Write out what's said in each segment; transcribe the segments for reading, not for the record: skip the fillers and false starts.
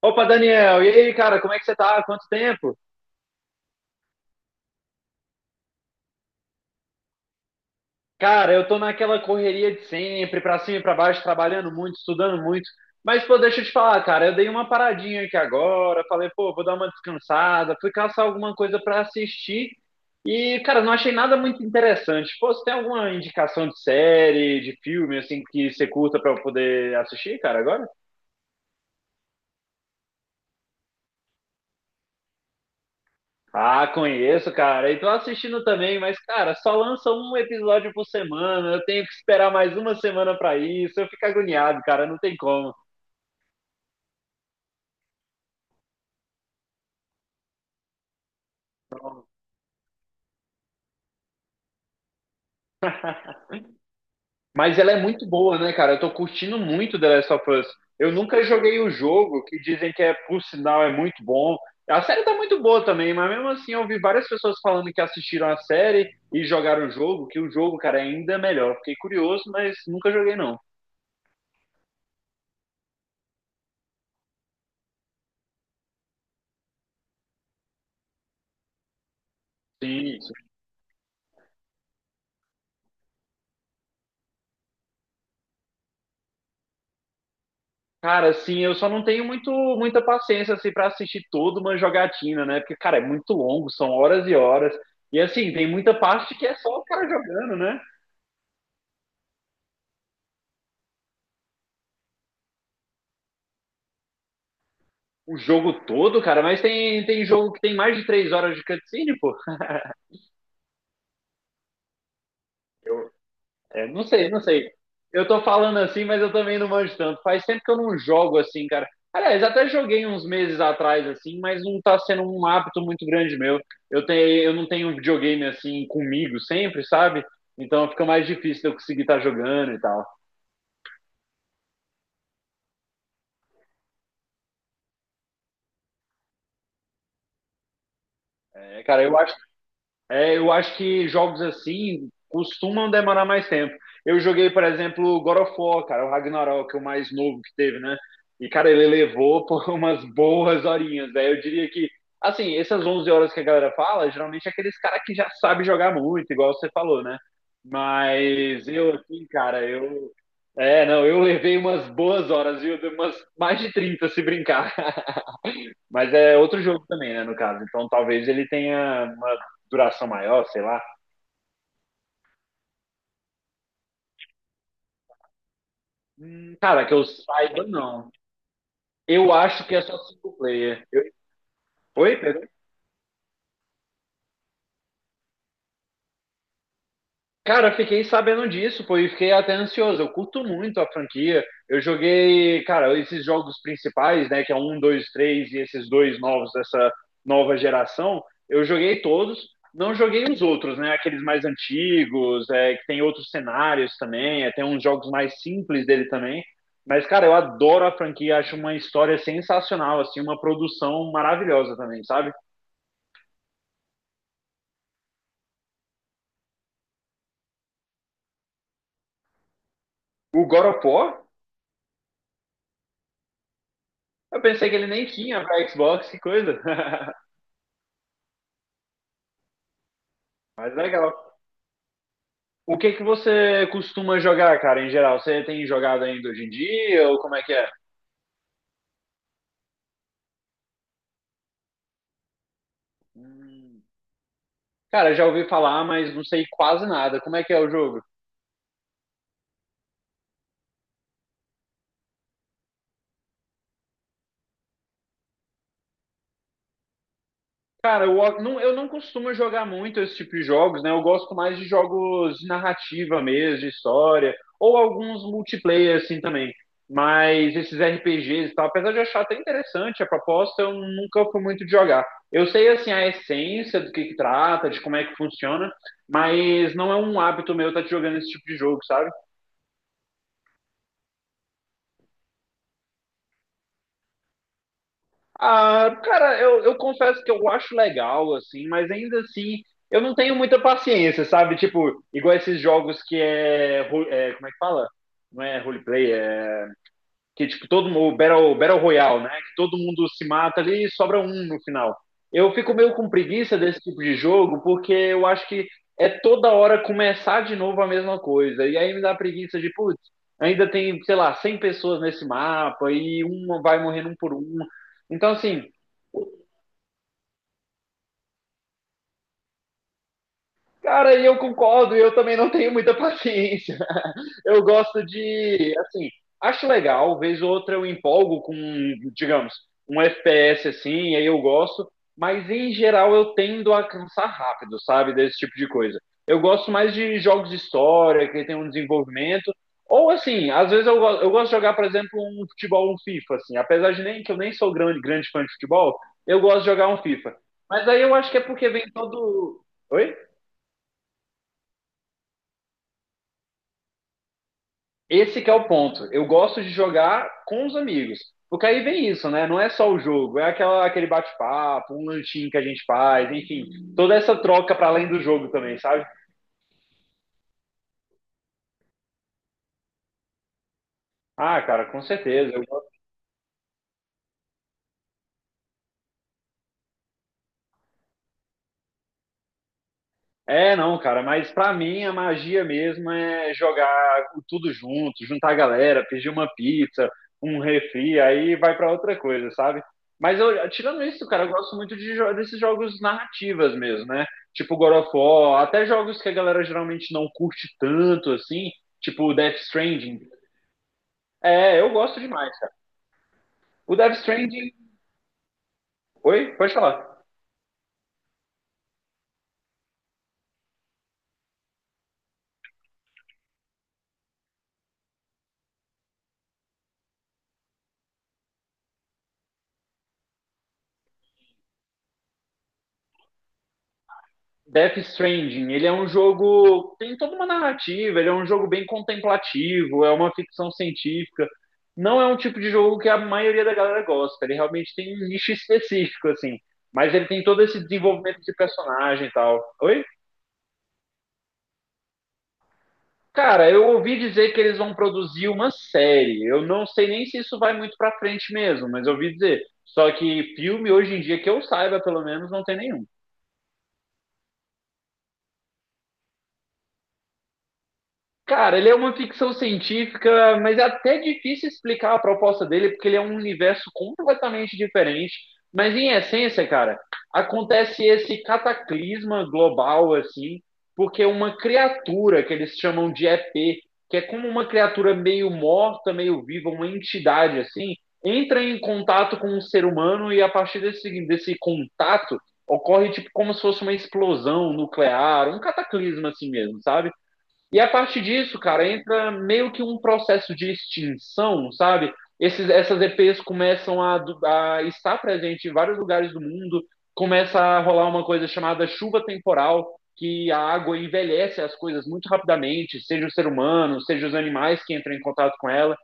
Opa, Daniel, e aí, cara, como é que você tá? Quanto tempo? Cara, eu tô naquela correria de sempre, pra cima e pra baixo, trabalhando muito, estudando muito. Mas, pô, deixa eu te falar, cara, eu dei uma paradinha aqui agora, falei, pô, vou dar uma descansada, fui caçar alguma coisa pra assistir e, cara, não achei nada muito interessante. Pô, você tem alguma indicação de série, de filme, assim, que você curta pra eu poder assistir, cara, agora? Ah, conheço, cara. E tô assistindo também, mas, cara, só lança um episódio por semana. Eu tenho que esperar mais uma semana pra isso. Eu fico agoniado, cara. Não tem como. Mas ela é muito boa, né, cara? Eu tô curtindo muito The Last of Us. Eu nunca joguei o jogo, que dizem que é, por sinal, é muito bom. A série tá muito boa também, mas mesmo assim eu ouvi várias pessoas falando que assistiram a série e jogaram o jogo, que o jogo, cara, é ainda melhor. Fiquei curioso, mas nunca joguei, não. Sim. Cara, assim, eu só não tenho muita paciência assim para assistir toda uma jogatina, né? Porque, cara, é muito longo, são horas e horas. E assim, tem muita parte que é só o cara jogando, né? O jogo todo, cara, mas tem jogo que tem mais de 3 horas de cutscene, pô. É, não sei, não sei. Eu tô falando assim, mas eu também não manjo tanto. Faz tempo que eu não jogo assim, cara. Aliás, até joguei uns meses atrás, assim, mas não tá sendo um hábito muito grande meu. Eu não tenho um videogame assim comigo sempre, sabe? Então fica mais difícil de eu conseguir estar jogando e tal. É, cara, eu acho que jogos assim costumam demorar mais tempo. Eu joguei, por exemplo, God of War, cara, o Ragnarok, o mais novo que teve, né? E, cara, ele levou por umas boas horinhas. Daí eu diria que, assim, essas 11 horas que a galera fala, geralmente é aqueles caras que já sabem jogar muito, igual você falou, né? Mas eu, assim, cara, eu. É, não, eu levei umas boas horas, viu? Umas mais de 30 se brincar. Mas é outro jogo também, né, no caso. Então talvez ele tenha uma duração maior, sei lá. Cara, que eu saiba, não. Eu acho que é só single player. Eu... Oi, Pedro? Cara, eu fiquei sabendo disso, pô, e fiquei até ansioso. Eu curto muito a franquia. Eu joguei, cara, esses jogos principais, né, que é um, dois, três e esses dois novos dessa nova geração. Eu joguei todos, não joguei os outros, né, aqueles mais antigos, é, que tem outros cenários também, é, tem uns jogos mais simples dele também. Mas, cara, eu adoro a franquia, acho uma história sensacional, assim, uma produção maravilhosa também, sabe? O God of War, eu pensei que ele nem tinha pra Xbox, que coisa. Mas legal. O que que você costuma jogar, cara, em geral? Você tem jogado ainda hoje em dia ou como é que é? Hum, Cara, já ouvi falar, mas não sei quase nada. Como é que é o jogo? Cara, eu não costumo jogar muito esse tipo de jogos, né? Eu gosto mais de jogos de narrativa mesmo, de história, ou alguns multiplayer assim também. Mas esses RPGs e tal, apesar de eu achar até interessante a proposta, eu nunca fui muito de jogar. Eu sei assim a essência do que trata, de como é que funciona, mas não é um hábito meu estar jogando esse tipo de jogo, sabe? Ah, cara, eu confesso que eu acho legal, assim, mas ainda assim eu não tenho muita paciência, sabe? Tipo, igual esses jogos que é, é, como é que fala? Não é roleplay, é que tipo todo mundo, o Battle Royale, né? Que todo mundo se mata ali e sobra um no final. Eu fico meio com preguiça desse tipo de jogo porque eu acho que é toda hora começar de novo a mesma coisa. E aí me dá preguiça de, putz, ainda tem, sei lá, 100 pessoas nesse mapa e uma vai morrendo um por um. Então, assim, cara, e eu concordo, eu também não tenho muita paciência. Eu gosto de, assim, acho legal, vez ou outra eu empolgo com, digamos, um FPS assim, aí eu gosto, mas em geral eu tendo a cansar rápido, sabe, desse tipo de coisa. Eu gosto mais de jogos de história, que tem um desenvolvimento, ou assim, às vezes eu gosto de jogar, por exemplo, um futebol, um FIFA, assim, apesar de nem que eu nem sou grande, grande fã de futebol, eu gosto de jogar um FIFA. Mas aí eu acho que é porque vem todo. Oi? Esse que é o ponto. Eu gosto de jogar com os amigos. Porque aí vem isso, né? Não é só o jogo, é aquela, aquele bate-papo, um lanchinho que a gente faz, enfim, toda essa troca para além do jogo também, sabe? Ah, cara, com certeza. Eu É, não, cara, mas pra mim a magia mesmo é jogar tudo junto, juntar a galera, pedir uma pizza, um refri, aí vai pra outra coisa, sabe? Mas eu, tirando isso, cara, eu gosto muito de desses jogos narrativas mesmo, né? Tipo God of War, até jogos que a galera geralmente não curte tanto, assim, tipo Death Stranding. É, eu gosto demais. O Death Stranding. Oi? Pode falar. Death Stranding, ele é um jogo, tem toda uma narrativa, ele é um jogo bem contemplativo, é uma ficção científica. Não é um tipo de jogo que a maioria da galera gosta, ele realmente tem um nicho específico, assim. Mas ele tem todo esse desenvolvimento de personagem e tal. Oi? Cara, eu ouvi dizer que eles vão produzir uma série. Eu não sei nem se isso vai muito pra frente mesmo, mas eu ouvi dizer. Só que filme hoje em dia, que eu saiba pelo menos, não tem nenhum. Cara, ele é uma ficção científica, mas é até difícil explicar a proposta dele, porque ele é um universo completamente diferente. Mas em essência, cara, acontece esse cataclisma global, assim, porque uma criatura que eles chamam de EP, que é como uma criatura meio morta, meio viva, uma entidade, assim, entra em contato com um ser humano e a partir desse contato ocorre tipo como se fosse uma explosão nuclear, um cataclisma assim mesmo, sabe? E a partir disso, cara, entra meio que um processo de extinção, sabe? Essas EPs começam a, a estar presente em vários lugares do mundo, começa a rolar uma coisa chamada chuva temporal, que a água envelhece as coisas muito rapidamente, seja o ser humano, seja os animais que entram em contato com ela,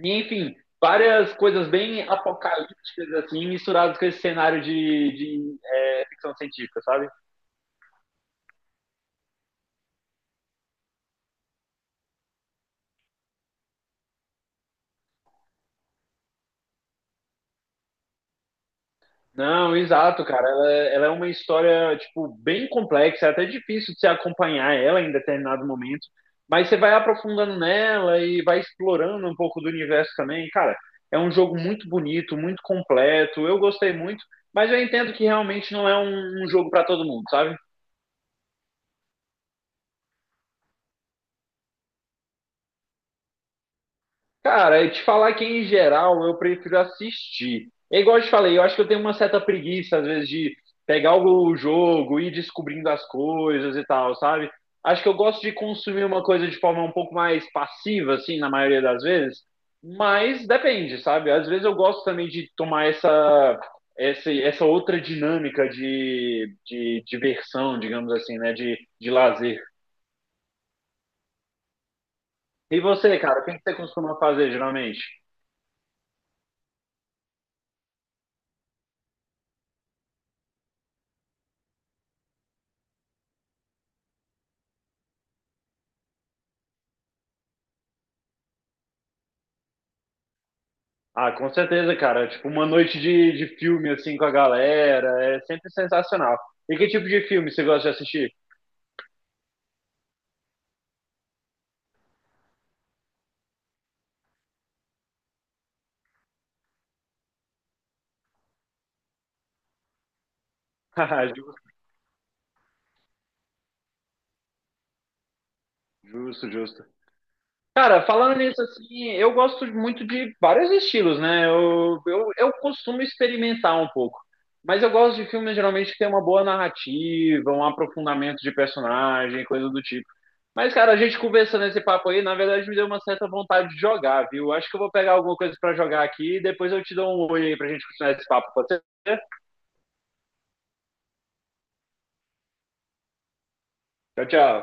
e enfim, várias coisas bem apocalípticas, assim, misturadas com esse cenário é, ficção científica, sabe? Não, exato, cara. Ela é uma história, tipo, bem complexa, é até difícil de se acompanhar ela em determinado momento, mas você vai aprofundando nela e vai explorando um pouco do universo também. Cara, é um jogo muito bonito, muito completo. Eu gostei muito, mas eu entendo que realmente não é um jogo para todo mundo, sabe? Cara, eu te falar que em geral eu prefiro assistir. É igual eu te falei, eu acho que eu tenho uma certa preguiça às vezes de pegar o jogo e ir descobrindo as coisas e tal, sabe? Acho que eu gosto de consumir uma coisa de forma um pouco mais passiva, assim, na maioria das vezes. Mas depende, sabe? Às vezes eu gosto também de tomar essa outra dinâmica de diversão, digamos assim, né? De lazer. E você, cara, o que que você costuma fazer geralmente? Ah, com certeza, cara. Tipo, uma noite de filme, assim, com a galera, é sempre sensacional. E que tipo de filme você gosta de assistir? Haha, justo, justo, justo. Cara, falando nisso, assim, eu gosto muito de vários estilos, né? Eu costumo experimentar um pouco. Mas eu gosto de filmes, geralmente, que tem uma boa narrativa, um aprofundamento de personagem, coisa do tipo. Mas, cara, a gente conversando esse papo aí, na verdade, me deu uma certa vontade de jogar, viu? Acho que eu vou pegar alguma coisa pra jogar aqui e depois eu te dou um oi aí pra gente continuar esse papo, pode ser? Tchau, tchau.